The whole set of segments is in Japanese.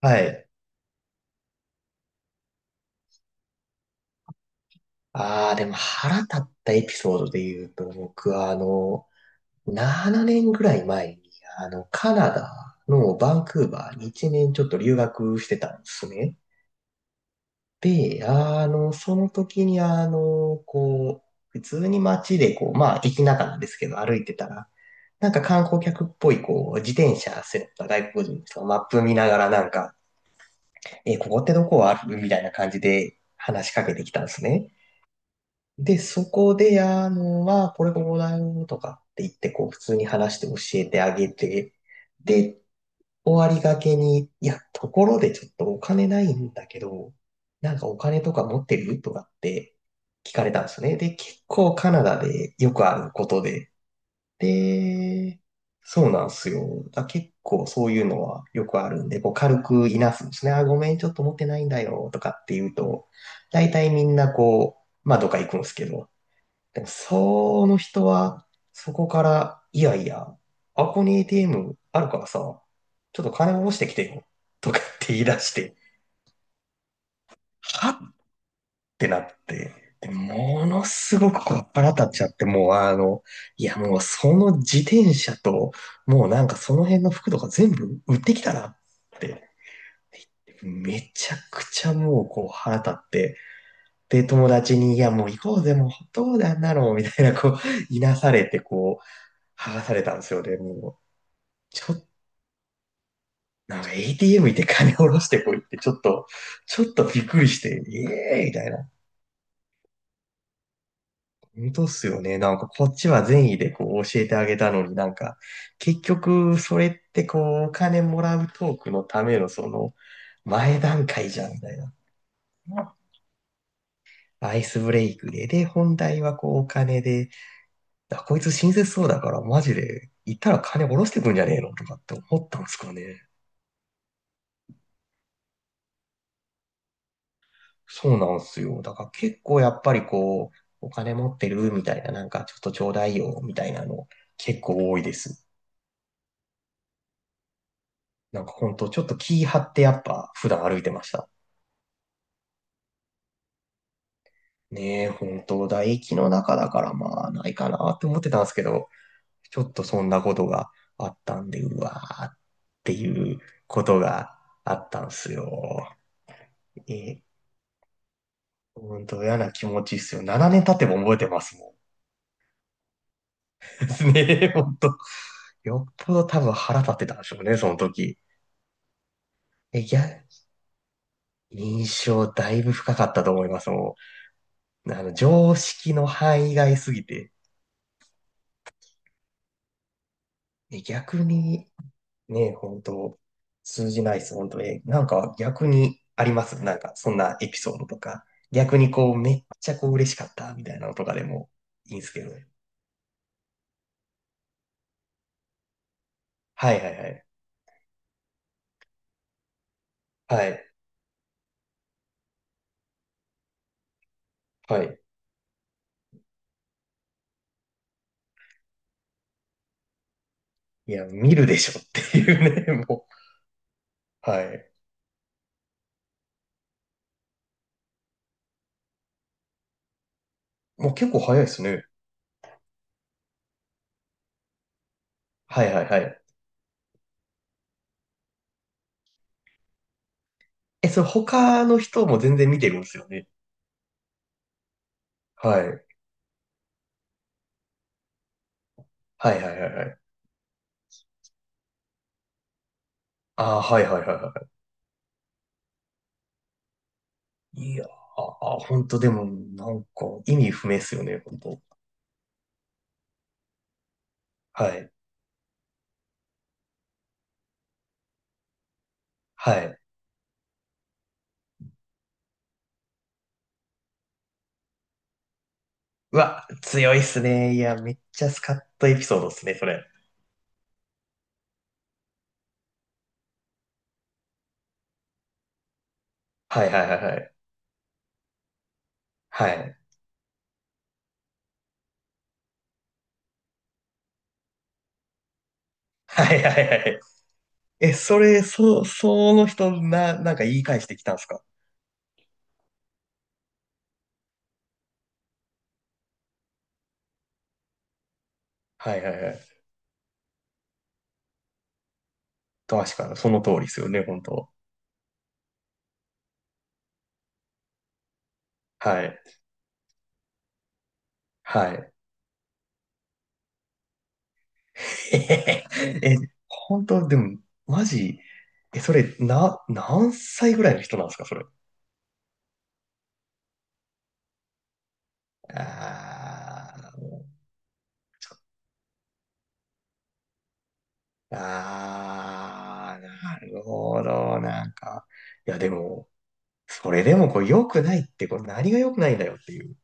はい。ああ、でも腹立ったエピソードで言うと、僕は7年ぐらい前に、カナダのバンクーバーに1年ちょっと留学してたんですね。で、その時に普通に街でまあ、駅中なんですけど、歩いてたら、なんか観光客っぽい、自転車背負った外国人の人がマップ見ながらなんか、え、ここってどこあるみたいな感じで話しかけてきたんですね。で、そこで、これこうだよとかって言って、普通に話して教えてあげて、で、終わりがけに、いや、ところでちょっとお金ないんだけど、なんかお金とか持ってるとかって聞かれたんですね。で、結構カナダでよくあることで、で、そうなんですよ。だ結構そういうのはよくあるんで、こう軽くいなすんですね。あ、ごめん、ちょっと持ってないんだよとかって言うと、大体みんなまあどっか行くんですけど、でも、その人は、そこから、いやいや、あこに ATM あるからさ、ちょっと金下ろしてきてよ、とかって言い出して、はってなって、で、ものすごくこう腹立っちゃって、もういやもうその自転車と、もうなんかその辺の服とか全部売ってきたなって、めちゃくちゃもうこう腹立って、で、友達に、いやもう行こうぜ、もうどうだあんなの、みたいなこう、いなされて、こう、剥がされたんですよ。で、もう、ちょっと、なんか ATM 行って金下ろしてこいって、ちょっとびっくりして、ええー、みたいな。本当っすよね。なんかこっちは善意でこう教えてあげたのになんか、結局それってこうお金もらうトークのためのその前段階じゃんみたいな。アイスブレイクで、で、本題はこうお金で、あこいつ親切そうだからマジで行ったら金下ろしてくんじゃねえのとかって思ったんですかね。そうなんすよ。だから結構やっぱりこう、お金持ってるみたいな、なんかちょっとちょうだいよみたいなの結構多いです。なんかほんとちょっと気張ってやっぱ普段歩いてました。ねえ、ほんと唾液の中だからまあないかなって思ってたんですけど、ちょっとそんなことがあったんで、うわーっていうことがあったんすよ。ええ、ほんと嫌な気持ちっすよ。7年経っても覚えてますもん。ですね、ほんと。よっぽど多分腹立ってたんでしょうね、その時。え、いや、印象だいぶ深かったと思います。もう常識の範囲外すぎて。え、逆に、ね、本当通じないです、本当え、なんか逆にありますなんか、そんなエピソードとか。逆にこう、めっちゃこう嬉しかった、みたいなのとかでもいいんですけどね。はいはいはい。はい、はい。いや、見るでしょっていうね、もう。はい。もう結構早いですね。はいはいはい。え、それ他の人も全然見てるんですよね。はい。はいはいはいはい。ああ、はいはいはいはい。ああ、本当でも、なんか、意味不明っすよね、本当。はい。はい。うわ、強いっすね。いや、めっちゃスカッとエピソードっすね、それ。はいはいはいはい。はい。はいはいはい。え、それ、その人、なんか言い返してきたんすかはいはいはい。確かに、その通りっすよね、本当。はい。はい。え、本当、でも、マジ、え、それ、何歳ぐらいの人なんですか、それ。あーあー、なるほど、なんか。いや、でも、それでもこう良くないって、これ何が良くないんだよっていう。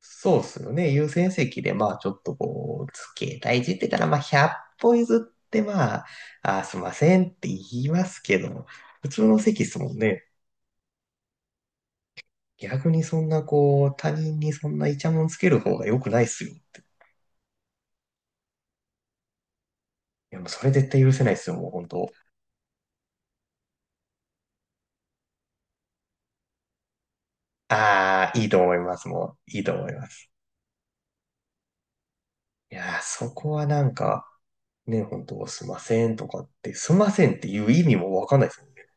そうっすよね。優先席で、まあちょっとこう、携帯いじってたら、まあ100歩譲って、まあ、あーすいませんって言いますけど、普通の席っすもんね。逆にそんなこう、他人にそんなイチャモンつける方が良くないっすよって。いや、もうそれ絶対許せないっすよ、もう本当。ああ、いいと思います、もう。いいと思います。いやー、そこはなんか、ね、本当すいませんとかって、すいませんっていう意味もわかんないですもんね。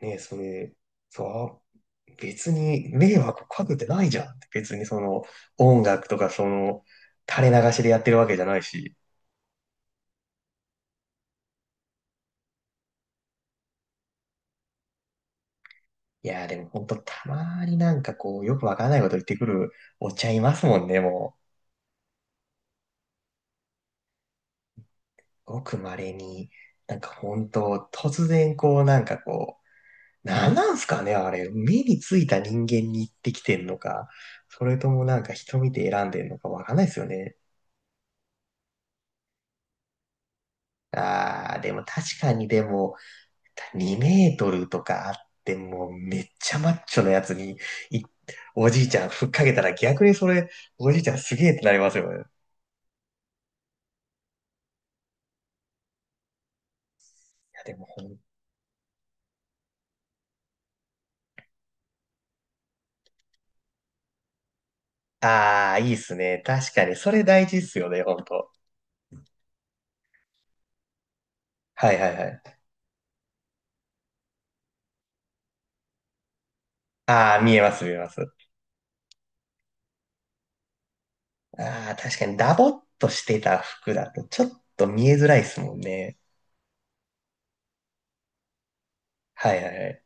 ね、それ、そう、別に迷惑かけてないじゃんって。別にその、音楽とかその、垂れ流しでやってるわけじゃないし。いやー、でも本当たまになんかこう、よくわかんないこと言ってくるおっちゃんいますもんね、もう。ごく稀に、なんか本当突然こう、なんかこう、なんなんすかね、あれ。目についた人間に行ってきてんのか、それともなんか人見て選んでんのかわかんないですよね。あー、でも確かにでも、2メートルとかあっても、めっちゃマッチョなやつに、いおじいちゃんふっかけたら逆にそれ、おじいちゃんすげえってなりますよね。いや、でもほん、あー、いいっすね。確かに、それ大事っすよね、ほんと。はいはいはい。あー、見えます見えます。あー、確かにダボっとしてた服だとちょっと見えづらいっすもんね。はいはいはい。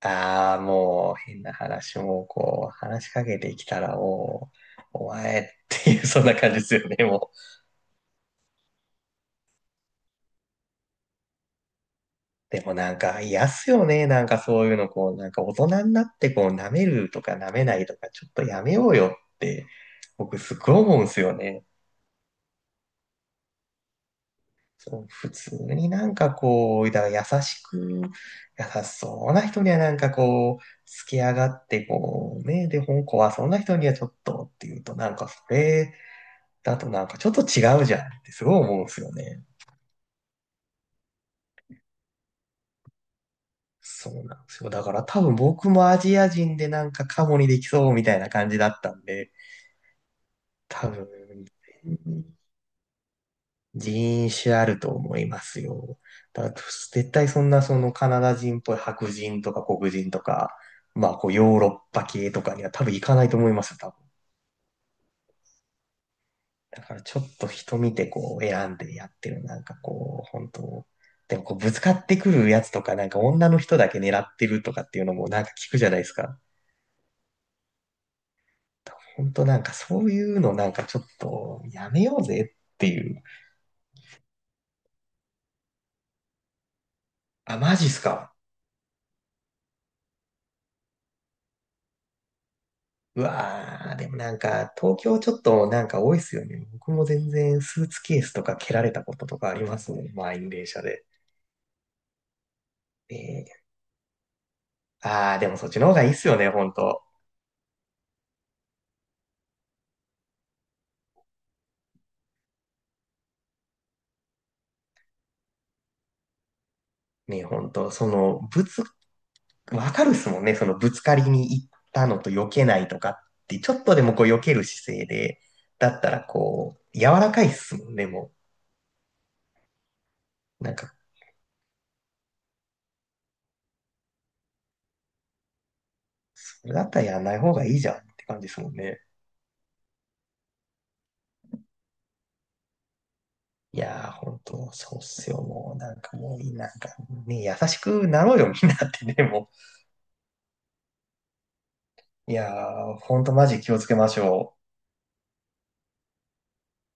ああ、もう変な話もこう、話しかけてきたらもう、お前っていう、そんな感じですよね、もう。でもなんか、嫌っすよね、なんかそういうの、こう、なんか大人になってこう、舐めるとか舐めないとか、ちょっとやめようよって、僕すっごい思うんですよね。そう、普通になんかこう、だから優しく、優しそうな人にはなんかこう、好き上がってこう、ね、で、本校はそんな人にはちょっとっていうと、なんかそれ、だとなんかちょっと違うじゃんってすごい思うんですよね。そうなんですよ。だから多分僕もアジア人でなんかカモにできそうみたいな感じだったんで、多分、人種あると思いますよ。だから絶対そんなそのカナダ人っぽい白人とか黒人とか、まあこうヨーロッパ系とかには多分行かないと思いますよ、多だからちょっと人見てこう選んでやってる。なんかこう、本当でもこうぶつかってくるやつとか、なんか女の人だけ狙ってるとかっていうのもなんか聞くじゃないですか。本当なんかそういうのなんかちょっとやめようぜっていう。あ、マジっすか。うわー、でもなんか東京ちょっとなんか多いっすよね。僕も全然スーツケースとか蹴られたこととかありますね。満員電車で。えー、あー、でもそっちの方がいいっすよね、本当ね、本当その、物わかるっすもんね。そのぶつかりに行ったのと避けないとかって、ちょっとでもこう避ける姿勢で、だったらこう、柔らかいっすもんね、もう。なんか、それだったらやんない方がいいじゃんって感じですもんね。いやー、ほんと、そうっすよ、もう。なんかもう、なんかね、優しくなろうよ、みんなってね、もう。いやー、ほんとマジ気をつけましょう。